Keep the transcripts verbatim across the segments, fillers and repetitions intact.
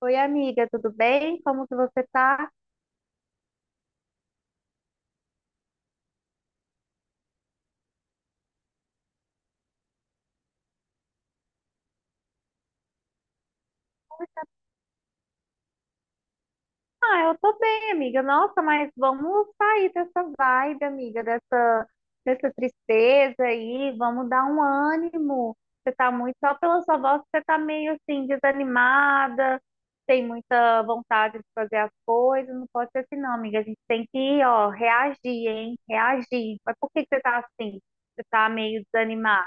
Oi, amiga, tudo bem? Como que você tá? Ah, eu tô bem, amiga. Nossa, mas vamos sair dessa vibe, amiga, dessa, dessa tristeza aí. Vamos dar um ânimo. Você tá muito, só pela sua voz, você tá meio assim, desanimada, tem muita vontade de fazer as coisas. Não pode ser assim, não, amiga. A gente tem que, ó, reagir, hein? Reagir. Mas por que que você tá assim? Você tá meio desanimada?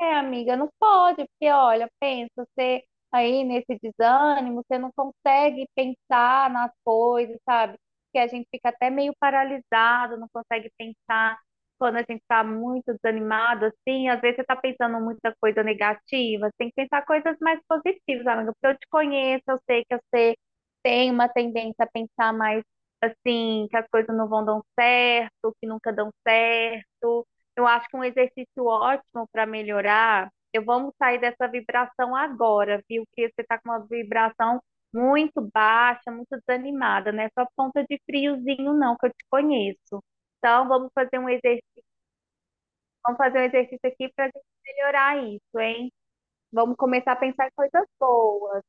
É, amiga, não pode, porque olha, pensa, você aí nesse desânimo, você não consegue pensar nas coisas, sabe? Que a gente fica até meio paralisado, não consegue pensar quando a gente tá muito desanimado, assim, às vezes você tá pensando muita coisa negativa, você tem que pensar coisas mais positivas, amiga, porque eu te conheço, eu sei que você tem uma tendência a pensar mais assim, que as coisas não vão dar certo, que nunca dão certo. Eu acho que um exercício ótimo para melhorar. Eu vamos sair dessa vibração agora, viu? Que você está com uma vibração muito baixa, muito desanimada, né? Só ponta de friozinho, não, que eu te conheço. Então, vamos fazer um exercício, vamos fazer um exercício aqui para melhorar isso, hein? Vamos começar a pensar em coisas boas.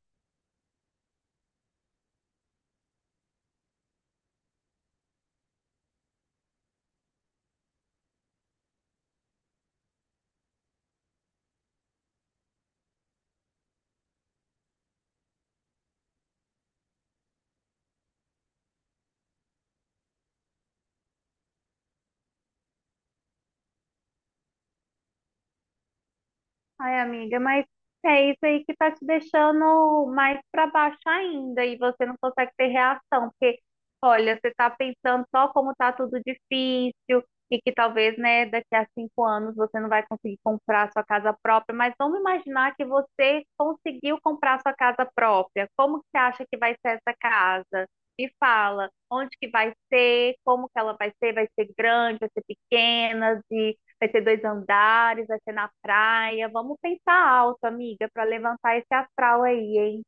Ai, amiga, mas é isso aí que tá te deixando mais para baixo ainda e você não consegue ter reação, porque olha, você tá pensando só como tá tudo difícil e que talvez, né, daqui a cinco anos você não vai conseguir comprar sua casa própria, mas vamos imaginar que você conseguiu comprar sua casa própria. Como que você acha que vai ser essa casa? Me fala, onde que vai ser, como que ela vai ser, vai ser grande, vai ser pequena, de vai ter dois andares, vai ser na praia. Vamos pensar alto, amiga, para levantar esse astral aí, hein?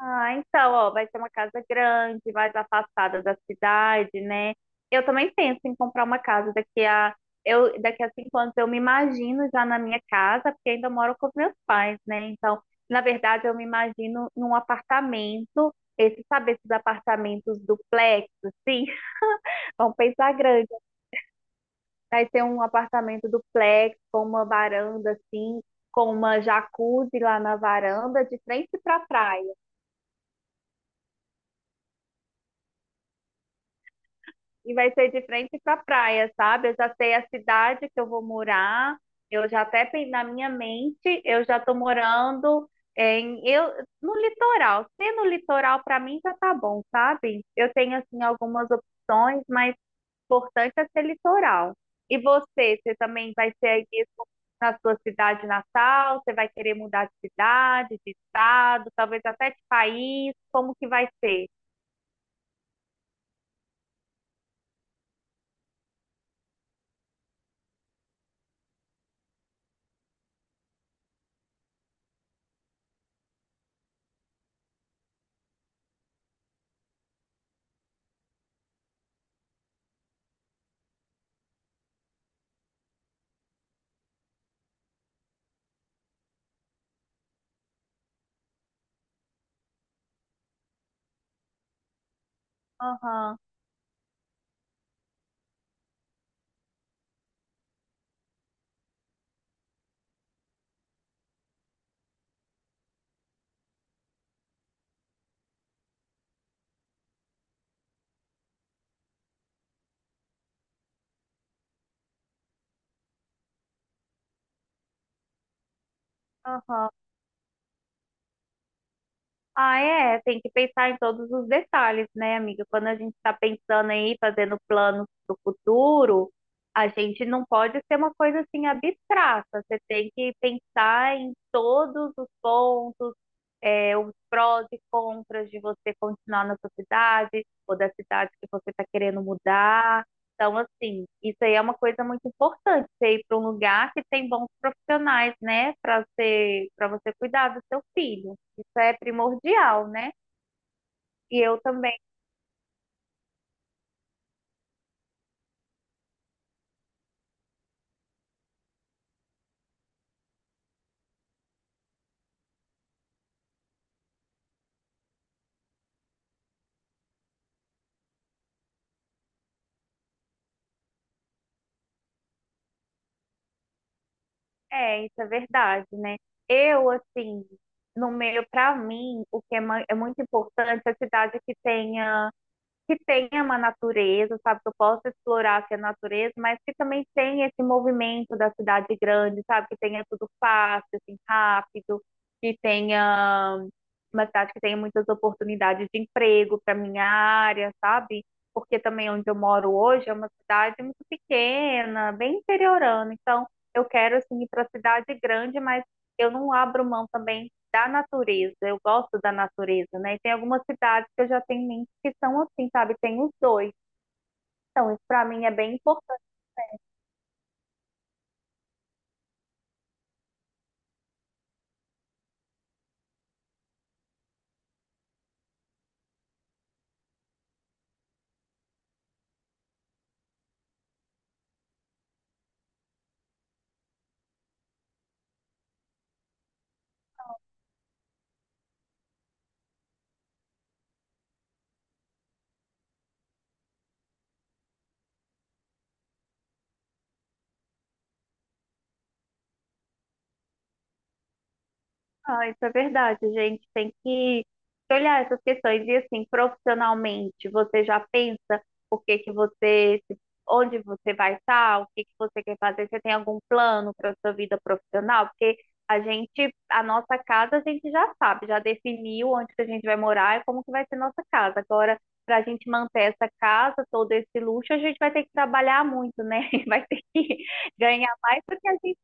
Ah, então, ó, vai ser uma casa grande, mais afastada da cidade, né? Eu também penso em comprar uma casa daqui a eu daqui a cinco anos. Eu me imagino já na minha casa, porque ainda moro com os meus pais, né? Então, na verdade, eu me imagino num apartamento. Esse, sabe, esses apartamentos duplex, assim, vamos pensar grande. Vai ter um apartamento duplex com uma varanda assim, com uma jacuzzi lá na varanda, de frente pra praia. E vai ser de frente pra praia, sabe? Eu já sei a cidade que eu vou morar. Eu já até pen- na minha mente, eu já tô morando em eu no litoral. Ser no litoral pra mim já tá bom, sabe? Eu tenho assim algumas opções, mas importante é ser litoral. E você, você também vai ser aí mesmo na sua cidade natal? Você vai querer mudar de cidade, de estado, talvez até de país? Como que vai ser? Aham, aham. Ah, é, tem que pensar em todos os detalhes, né, amiga? Quando a gente está pensando aí, fazendo planos do futuro, a gente não pode ser uma coisa assim abstrata. Você tem que pensar em todos os pontos, é, os prós e contras de você continuar na sua cidade ou da cidade que você está querendo mudar. Então, assim, isso aí é uma coisa muito importante, você ir para um lugar que tem bons profissionais, né, para você, para você cuidar do seu filho. Isso é primordial, né? E eu também, é, isso é verdade, né? Eu, assim, no meio, para mim, o que é ma- é muito importante é a cidade que tenha que tenha uma natureza, sabe? Que eu possa explorar assim, a natureza, mas que também tenha esse movimento da cidade grande, sabe? Que tenha tudo fácil, assim, rápido, que tenha uma cidade que tenha muitas oportunidades de emprego para minha área, sabe? Porque também onde eu moro hoje é uma cidade muito pequena, bem interiorana. Então, eu quero assim ir para a cidade grande, mas eu não abro mão também da natureza, eu gosto da natureza, né? E tem algumas cidades que eu já tenho em mente que são assim, sabe? Tem os dois. Então, isso para mim é bem importante. Ah, isso é verdade, gente. Tem que olhar essas questões. E assim, profissionalmente, você já pensa o que que você, onde você vai estar, o que que você quer fazer? Você tem algum plano para sua vida profissional? Porque a gente, a nossa casa, a gente já sabe, já definiu onde que a gente vai morar e como que vai ser nossa casa. Agora, para a gente manter essa casa, todo esse luxo, a gente vai ter que trabalhar muito, né? Vai ter que ganhar mais do que a gente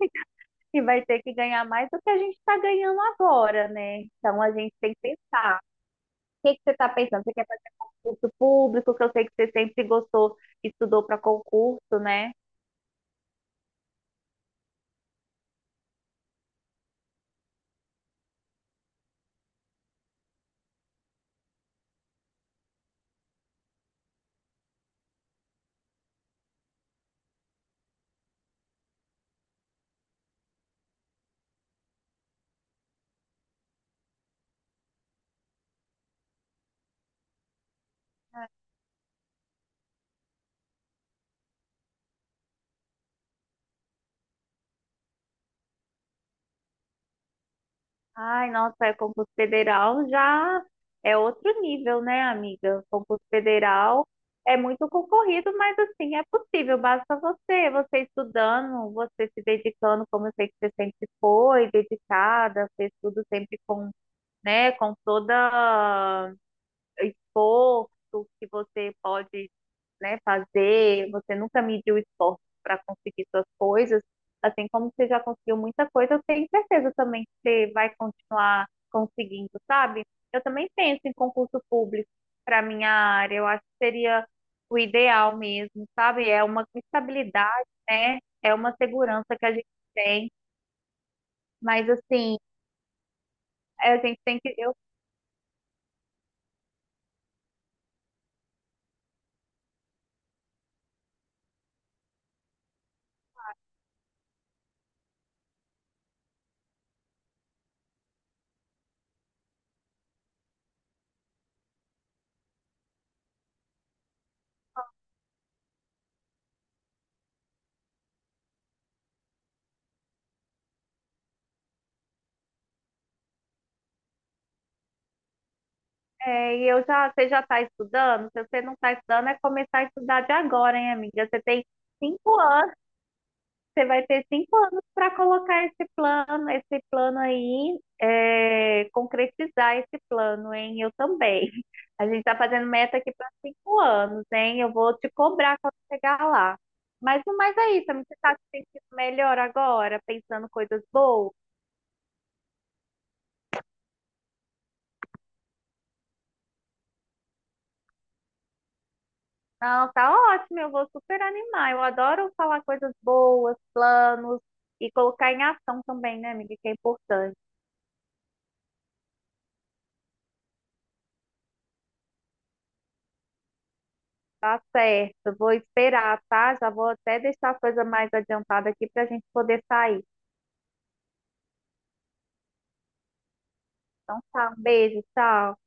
que vai ter que ganhar mais do que a gente está ganhando agora, né? Então a gente tem que pensar. O que que você está pensando? Você quer fazer concurso público, que eu sei que você sempre gostou, estudou para concurso, né? Ai, nossa, é concurso federal já é outro nível, né, amiga? Concurso federal é muito concorrido, mas assim, é possível, basta você, você, estudando, você se dedicando, como eu sei que você sempre foi, dedicada, fez tudo sempre com, né, com toda esforço que você pode, né, fazer, você nunca mediu esforço para conseguir suas coisas, assim como você já conseguiu muita coisa, eu tenho certeza também que você vai continuar conseguindo, sabe? Eu também penso em concurso público para minha área, eu acho que seria o ideal mesmo, sabe? É uma estabilidade, né? É uma segurança que a gente tem, mas assim, a gente tem que eu é, e eu já, você já está estudando? Se você não está estudando, é começar a estudar de agora, hein, amiga? Você tem cinco anos, você vai ter cinco anos para colocar esse plano, esse plano aí, é, concretizar esse plano, hein? Eu também. A gente está fazendo meta aqui para cinco anos, hein? Eu vou te cobrar quando chegar lá. Mas no mais é isso, amiga. Você está se sentindo melhor agora, pensando coisas boas? Não, tá ótimo, eu vou super animar. Eu adoro falar coisas boas, planos e colocar em ação também, né, amiga, que é importante. Tá certo, vou esperar, tá? Já vou até deixar a coisa mais adiantada aqui pra gente poder sair. Então tá, um beijo, tchau.